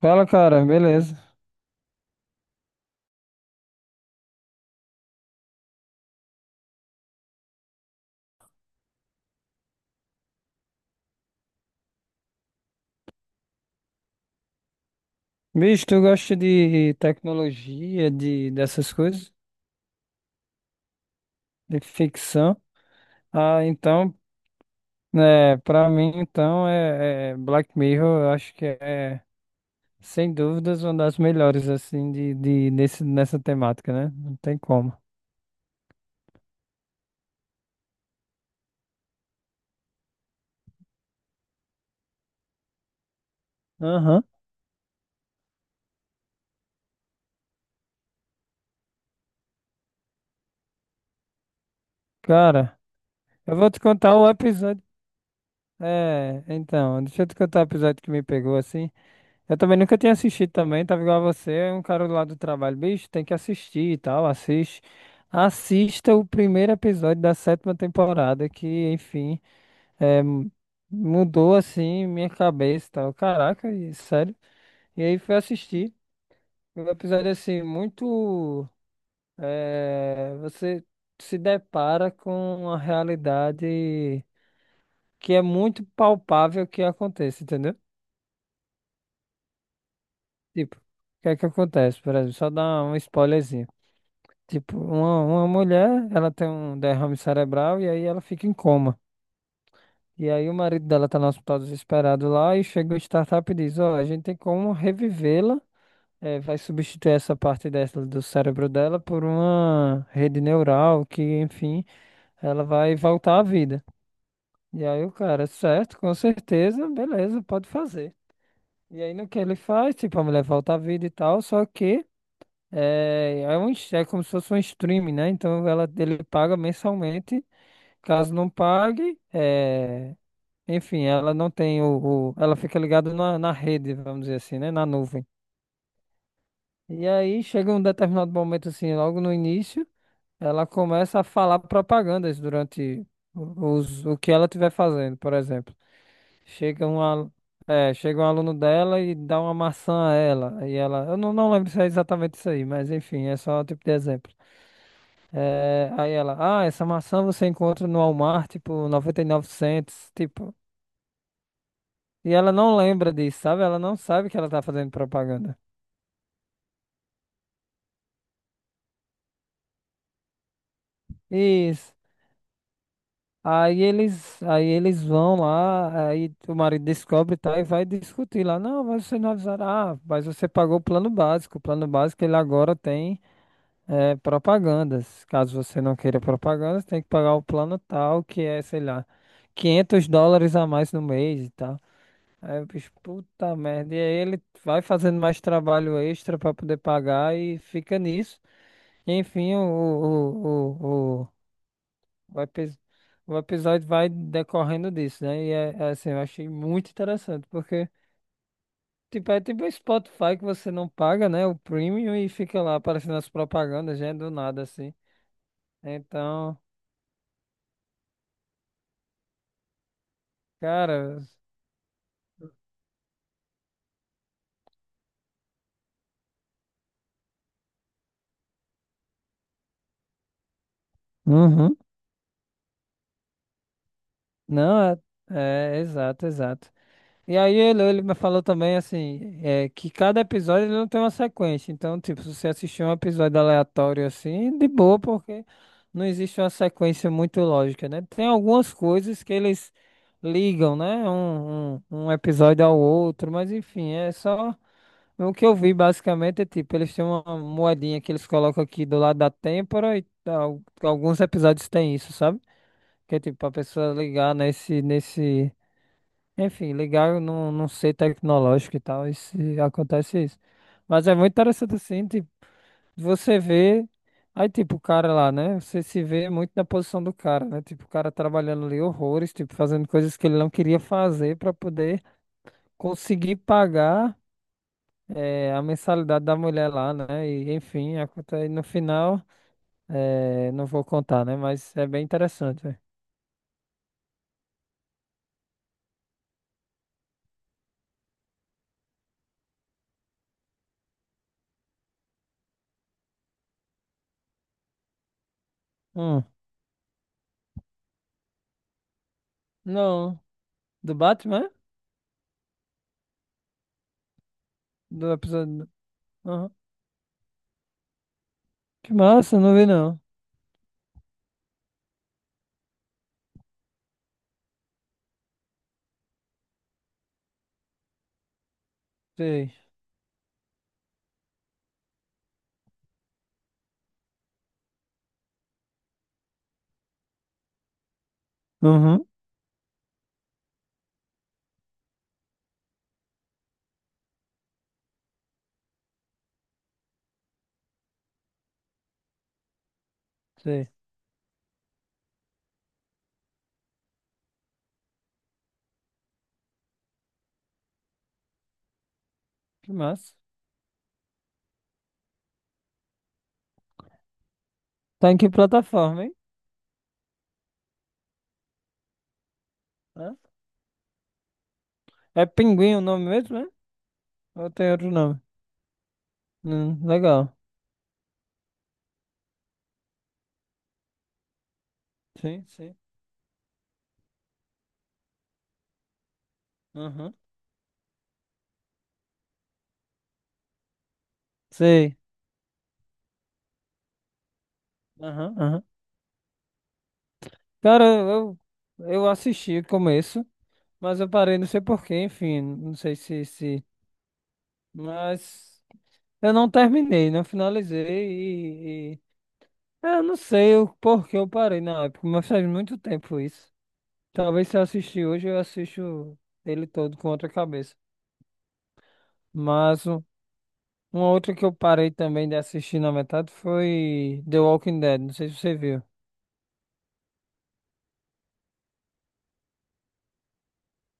Fala, cara, beleza. Bicho, tu gosta de tecnologia, de dessas coisas, de ficção? Ah, então, né, pra mim, então, é Black Mirror, eu acho que é, sem dúvidas, uma das melhores, assim, nessa temática, né? Não tem como. Aham. Cara, eu vou te contar o episódio. É, então, deixa eu te contar o episódio que me pegou, assim. Eu também nunca tinha assistido também, tava igual a você, é um cara lá do trabalho, bicho, tem que assistir e tal, assiste. Assista o primeiro episódio da sétima temporada, que, enfim, é, m- mudou, assim, minha cabeça e tal. Caraca, sério. E aí fui assistir. Um episódio, assim, muito... é, você se depara com uma realidade que é muito palpável que aconteça, entendeu? Tipo, o que é que acontece, por exemplo, só dar um spoilerzinho. Tipo, uma mulher, ela tem um derrame cerebral e aí ela fica em coma. E aí o marido dela tá no hospital desesperado lá e chega o startup e diz, ó, a gente tem como revivê-la, vai substituir essa parte dessa do cérebro dela por uma rede neural que, enfim, ela vai voltar à vida. E aí o cara, certo, com certeza, beleza, pode fazer. E aí no que ele faz, tipo, a mulher volta à vida e tal, só que... é como se fosse um streaming, né? Então ela, ele paga mensalmente. Caso não pague, é... enfim, ela não tem Ela fica ligada na, na rede, vamos dizer assim, né? Na nuvem. E aí chega um determinado momento, assim, logo no início, ela começa a falar propagandas durante o que ela estiver fazendo, por exemplo. Chega um, alu- é, chega um aluno dela e dá uma maçã a ela. E ela. Eu não lembro se é exatamente isso aí, mas enfim, é só um tipo de exemplo. É, aí ela, ah, essa maçã você encontra no Walmart por 99 cents. Tipo, e ela não lembra disso, sabe? Ela não sabe que ela tá fazendo propaganda. Isso. Aí eles vão lá, aí o marido descobre, tá? E vai discutir lá. Não, mas você não avisaram. Ah, mas você pagou o plano básico. O plano básico ele agora tem propagandas. Caso você não queira propagandas, tem que pagar o plano tal, que é, sei lá, 500 dólares a mais no mês e tal. Aí o bicho, puta merda. E aí ele vai fazendo mais trabalho extra pra poder pagar e fica nisso. Enfim, o epis- o episódio vai decorrendo disso, né? E é, é assim, eu achei muito interessante, porque tipo, é tipo um Spotify que você não paga, né? O premium e fica lá aparecendo as propagandas, já é do nada, assim. Então, cara. Uhum. Não, é, é exato, exato. E aí ele me falou também assim, é, que cada episódio ele não tem uma sequência. Então, tipo, se você assistir um episódio aleatório assim, de boa, porque não existe uma sequência muito lógica, né? Tem algumas coisas que eles ligam, né? Um episódio ao outro, mas enfim, é só. O que eu vi basicamente é tipo, eles têm uma moedinha que eles colocam aqui do lado da têmpora e tal. Alguns episódios têm isso, sabe? Que é tipo, pra pessoa ligar nesse. Enfim, legal, não, não sei tecnológico e tal, e se acontece isso. Mas é muito interessante assim, tipo, você vê, aí tipo, o cara lá, né? Você se vê muito na posição do cara, né? Tipo, o cara trabalhando ali horrores, tipo, fazendo coisas que ele não queria fazer pra poder conseguir pagar a mensalidade da mulher lá, né? E enfim, acontece, no final, não vou contar, né? Mas é bem interessante, velho. Hum. Não, do Batman? Do episódio. Aham. Que massa, não vi não. Sei. Uhum. Sei. Que massa. Tá em que plataforma, hein? Hã? É Pinguim o nome mesmo, né? Ou tem outro nome? Legal. Sim, sim. Uhum. Sei. Aham, aham. Cara, eu assisti o começo, mas eu parei, não sei porquê, enfim. Não sei se, se... Mas eu não terminei, não finalizei e... e- é, eu não sei o porquê eu parei na época, mas faz muito tempo isso. Talvez se eu assistir hoje, eu assisto ele todo com outra cabeça. Mas um- uma outra que eu parei também de assistir na metade foi The Walking Dead. Não sei se você viu.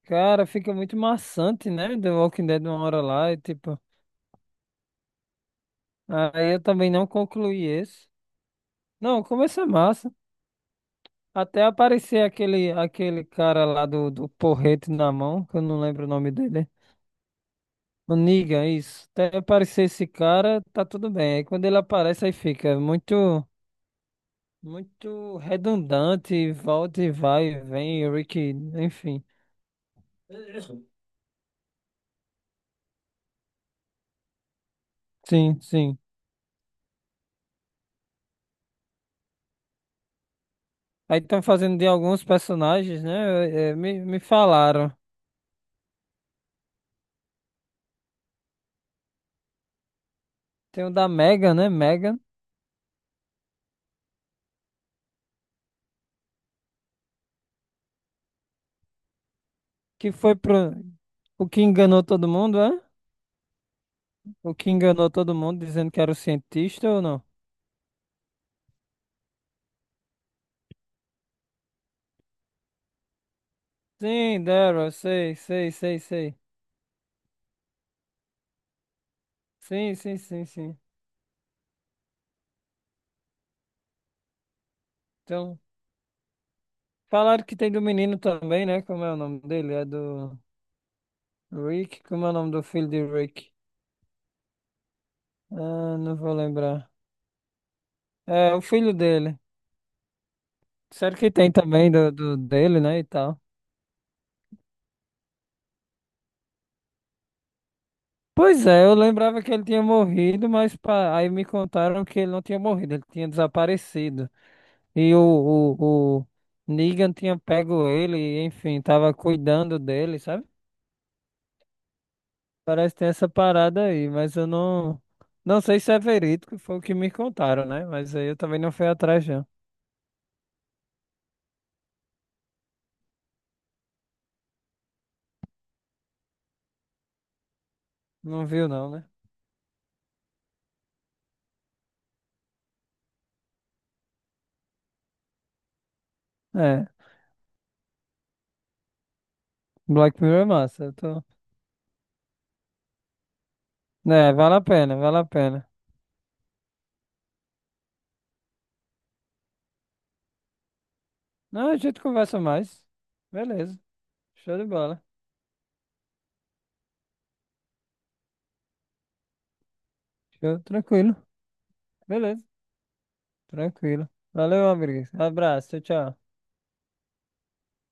Cara, fica muito maçante, né? The Walking Dead uma hora lá e tipo. Aí eu também não concluí esse. Não, começa massa. Até aparecer aquele, aquele cara lá do porrete na mão, que eu não lembro o nome dele. O Negan, isso. Até aparecer esse cara, tá tudo bem. Aí quando ele aparece, aí fica muito, muito redundante, volta e vai, vem, Rick, enfim. Sim, sim. Aí estão fazendo de alguns personagens, né? É, me falaram. Tem o da mega né? Megan, que foi pro. O que enganou todo mundo, é? O que enganou todo mundo dizendo que era o cientista ou não? Sim, Daryl, sei, sei, sei, sei. Sim, sim, sim, sim. Então, falaram que tem do menino também, né? Como é o nome dele? É do Rick? Como é o nome do filho de Rick? Ah, não vou lembrar. É, o filho dele. Sério que tem também do dele, né? E tal. Pois é, eu lembrava que ele tinha morrido, mas aí me contaram que ele não tinha morrido, ele tinha desaparecido. E o Negan tinha pego ele, e, enfim, tava cuidando dele, sabe? Parece que tem essa parada aí, mas eu não sei se é verídico, foi o que me contaram, né? Mas aí eu também não fui atrás, não. Não viu, não, né? É, Black Mirror é massa, eu tô... É, vale a pena, vale a pena. Não, a gente conversa mais. Beleza, show de bola, show, tranquilo, beleza. Tranquilo. Valeu, amigo. Abraço, tchau, tchau.